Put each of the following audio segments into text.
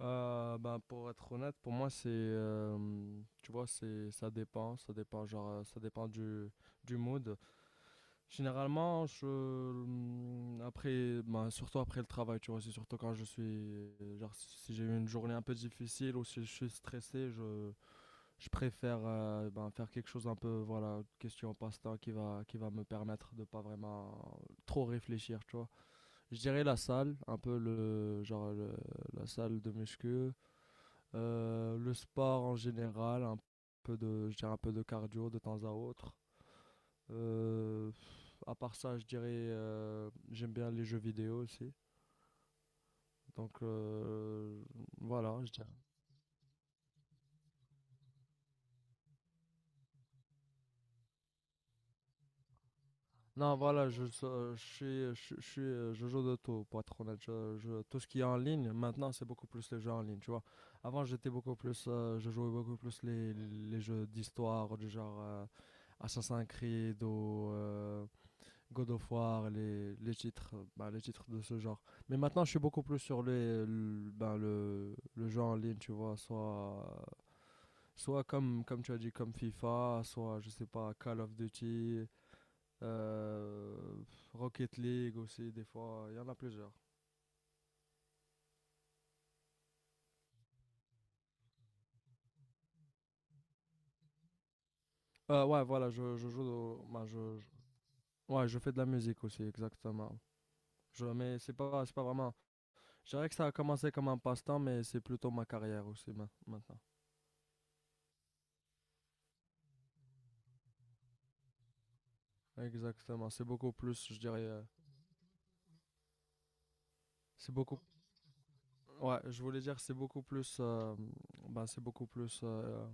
Pour être honnête, pour moi, tu vois, ça dépend, ça dépend, ça dépend du mood. Généralement, après, ben, surtout après le travail, tu vois, c'est surtout quand je suis, genre, si j'ai eu une journée un peu difficile ou si je suis stressé, je préfère, ben, faire quelque chose un peu, voilà, question passe-temps qui va me permettre de pas vraiment trop réfléchir, tu vois. Je dirais la salle, un peu la salle de muscu. Le sport en général, un peu de, je dirais un peu de cardio de temps à autre. Euh, à part ça, je dirais, j'aime bien les jeux vidéo aussi. Donc euh, voilà, je dirais. Non, voilà, je suis, je suis, je joue de tout, pour être honnête. Tout ce qui est en ligne, maintenant, c'est beaucoup plus les jeux en ligne, tu vois. Avant, j'étais beaucoup plus, je jouais beaucoup plus les jeux d'histoire, du genre Assassin's Creed ou God of War, les titres, bah, les titres de ce genre. Mais maintenant, je suis beaucoup plus sur les, le, ben, le jeu en ligne, tu vois, soit comme tu as dit, comme FIFA, soit, je sais pas, Call of Duty, euh, Rocket League aussi, des fois, il y en a plusieurs. Ouais, voilà, je joue, ouais, je fais de la musique aussi, exactement. Je, mais c'est pas vraiment, je dirais que ça a commencé comme un passe-temps, mais c'est plutôt ma carrière aussi, maintenant. Exactement, c'est beaucoup plus, je dirais. C'est beaucoup. Ouais, je voulais dire, c'est beaucoup plus.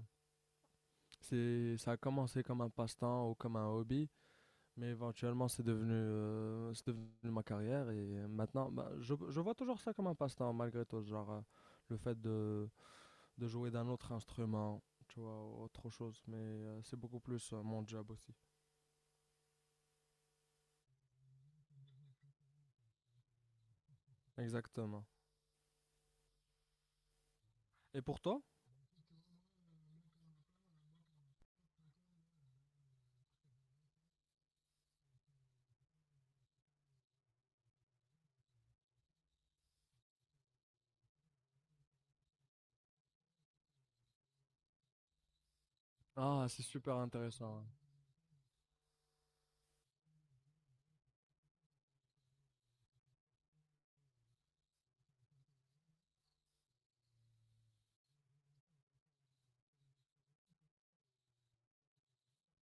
C'est, ça a commencé comme un passe-temps ou comme un hobby, mais éventuellement, c'est devenu ma carrière. Et maintenant, ben, je vois toujours ça comme un passe-temps, malgré tout. Genre, le fait de jouer d'un autre instrument, tu vois, autre chose. Mais c'est beaucoup plus mon job aussi. Exactement. Et pour toi? Ah, c'est super intéressant.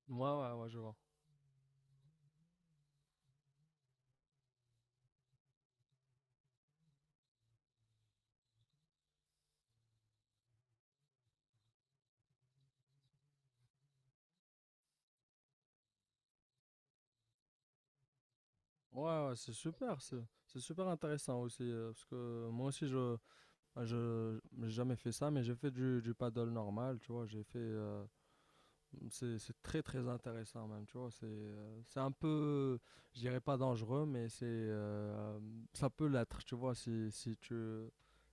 Ouais, ouais, ouais, je vois. Ouais, ouais, c'est super, c'est super intéressant aussi, parce que moi aussi, je ben, je j'ai jamais fait ça, mais j'ai fait du paddle normal, tu vois, j'ai fait... c'est très très intéressant même, tu vois, c'est un peu, je dirais pas dangereux, mais c'est ça peut l'être, tu vois, si, si tu...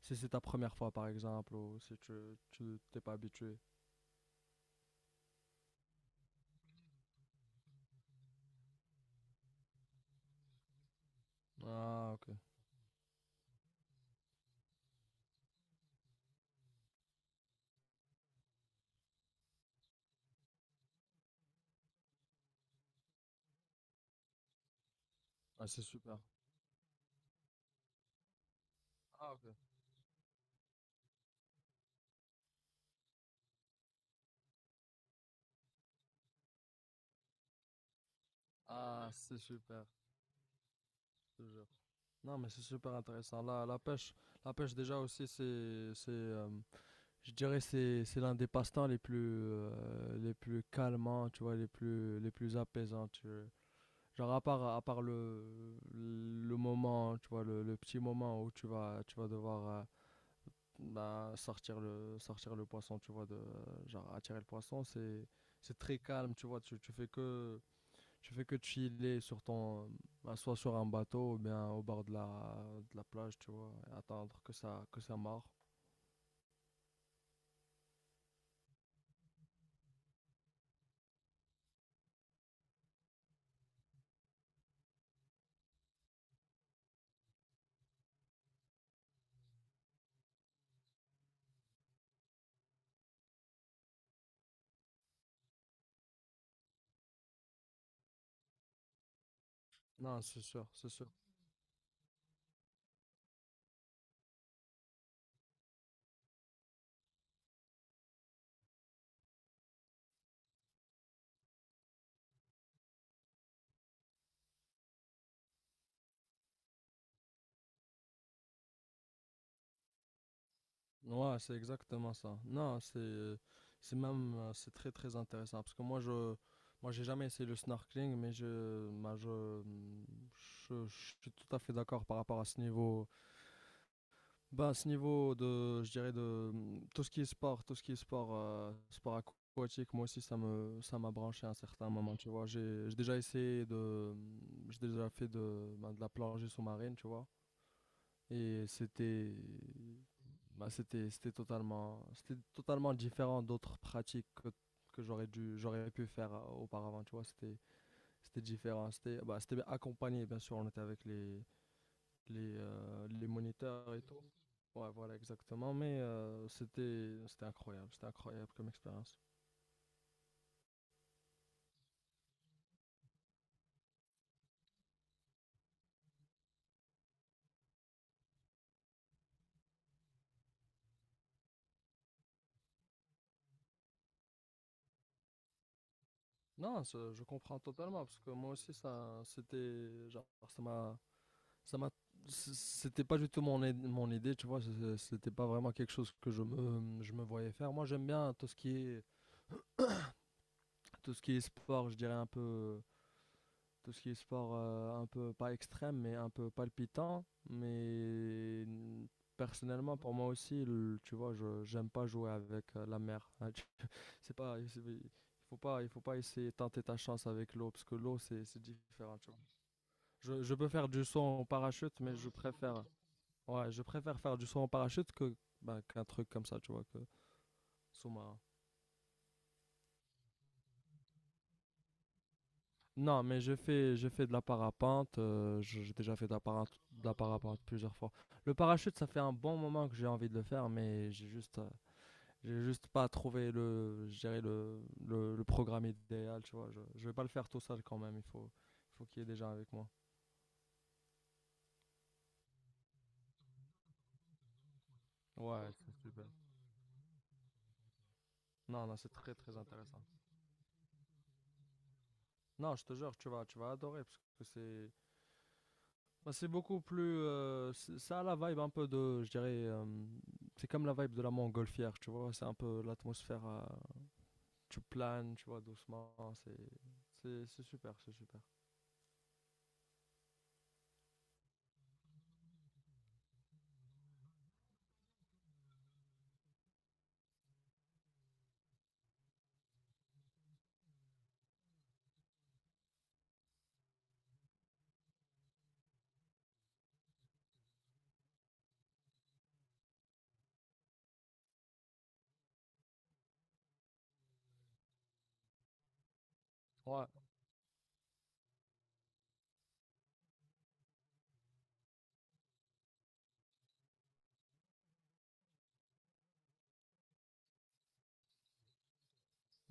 Si c'est ta première fois, par exemple, ou si tu t'es pas habitué. Ah, ok. Ah, c'est super. Ah, ok. Ah, c'est super, je te jure. Non, mais c'est super intéressant. La pêche, la pêche déjà aussi, c'est, je dirais, c'est l'un des passe-temps les plus, les plus calmants, tu vois, les plus apaisants. Tu vois. Genre à part le moment, tu vois, le petit moment où tu vas devoir bah, sortir sortir le poisson, tu vois, de, genre attirer le poisson, c'est très calme, tu vois. Tu, tu fais que chiller sur ton, bah, soit sur un bateau ou bien au bord de de la plage, tu vois, et attendre que ça marre. Non, c'est sûr, c'est sûr. Ouais, c'est exactement ça. Non, c'est même, c'est très très intéressant parce que moi j'ai jamais essayé le snorkeling, mais je, bah, je suis tout à fait d'accord par rapport à ce niveau. Bah, à ce niveau de, je dirais de tout ce qui est sport, tout ce qui est sport, sport aquatique, moi aussi ça m'a branché à un certain moment, tu vois. J'ai déjà essayé de, j'ai déjà fait de, bah, de la plongée sous-marine, tu vois. Et c'était, bah, c'était, c'était totalement différent d'autres pratiques que, j'aurais pu faire auparavant, tu vois. C'était, c'était différent. C'était, bah, c'était accompagné, bien sûr. On était avec les moniteurs et tout. Ouais, voilà, exactement. Mais c'était, c'était incroyable comme expérience. Non, je comprends totalement parce que moi aussi, ça, c'était, genre, ça m'a, c'était pas du tout mon idée, tu vois. C'était pas vraiment quelque chose que je me voyais faire. Moi, j'aime bien tout ce qui est sport, je dirais un peu tout ce qui est sport un peu pas extrême mais un peu palpitant mais personnellement pour moi aussi tu vois je j'aime pas jouer avec la mer, hein, c'est pas il faut pas, essayer tenter ta chance avec l'eau parce que l'eau c'est différent, tu vois, je peux faire du saut en parachute mais je préfère ouais je préfère faire du saut en parachute que bah, qu'un truc comme ça, tu vois, que sous-marin. Non, mais je fais de la parapente. J'ai déjà fait de de la parapente plusieurs fois. Le parachute, ça fait un bon moment que j'ai envie de le faire, mais j'ai juste pas trouvé le, je dirais le programme idéal. Tu vois, je vais pas le faire tout seul quand même. Faut qu'il y ait des gens avec moi. Ouais, c'est super. Non, non, c'est très, très intéressant. Non, je te jure, tu vas adorer parce que c'est, bah, c'est beaucoup plus, ça a la vibe un peu de, je dirais. C'est comme la vibe de la montgolfière, tu vois, c'est un peu l'atmosphère tu planes, tu vois, doucement. C'est super, c'est super. Ouais,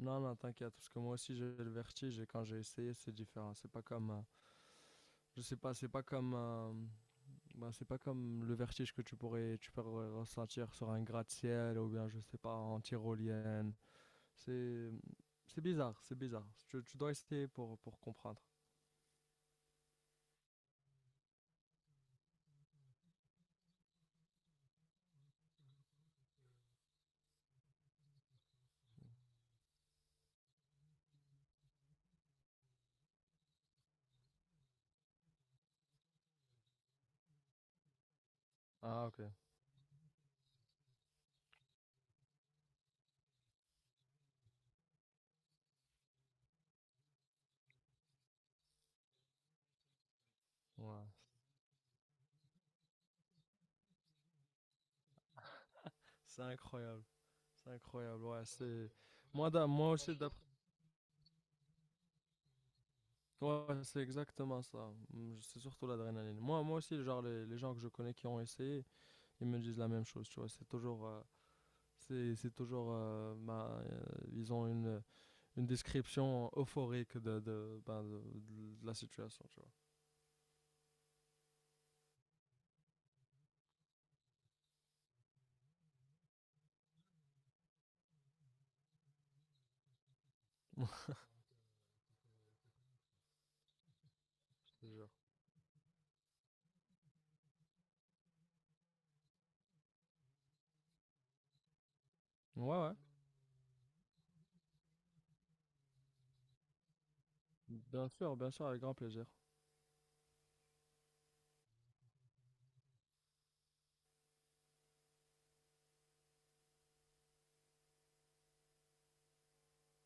non, non, t'inquiète, parce que moi aussi j'ai le vertige et quand j'ai essayé, c'est différent. C'est pas comme, je sais pas, c'est pas comme, ben, c'est pas comme le vertige que tu peux ressentir sur un gratte-ciel ou bien, je sais pas, en tyrolienne. C'est, c'est bizarre, c'est bizarre. Tu dois essayer pour comprendre. Ah, ok. Ouais. C'est incroyable. C'est incroyable, ouais. C'est... Moi aussi, ouais, c'est exactement ça. C'est surtout l'adrénaline. Moi, moi aussi, genre, les gens que je connais qui ont essayé, ils me disent la même chose, tu vois. C'est toujours, ils ont une description euphorique de la situation, tu vois. Je te jure. Ouais, ouais. Bien sûr, avec grand plaisir.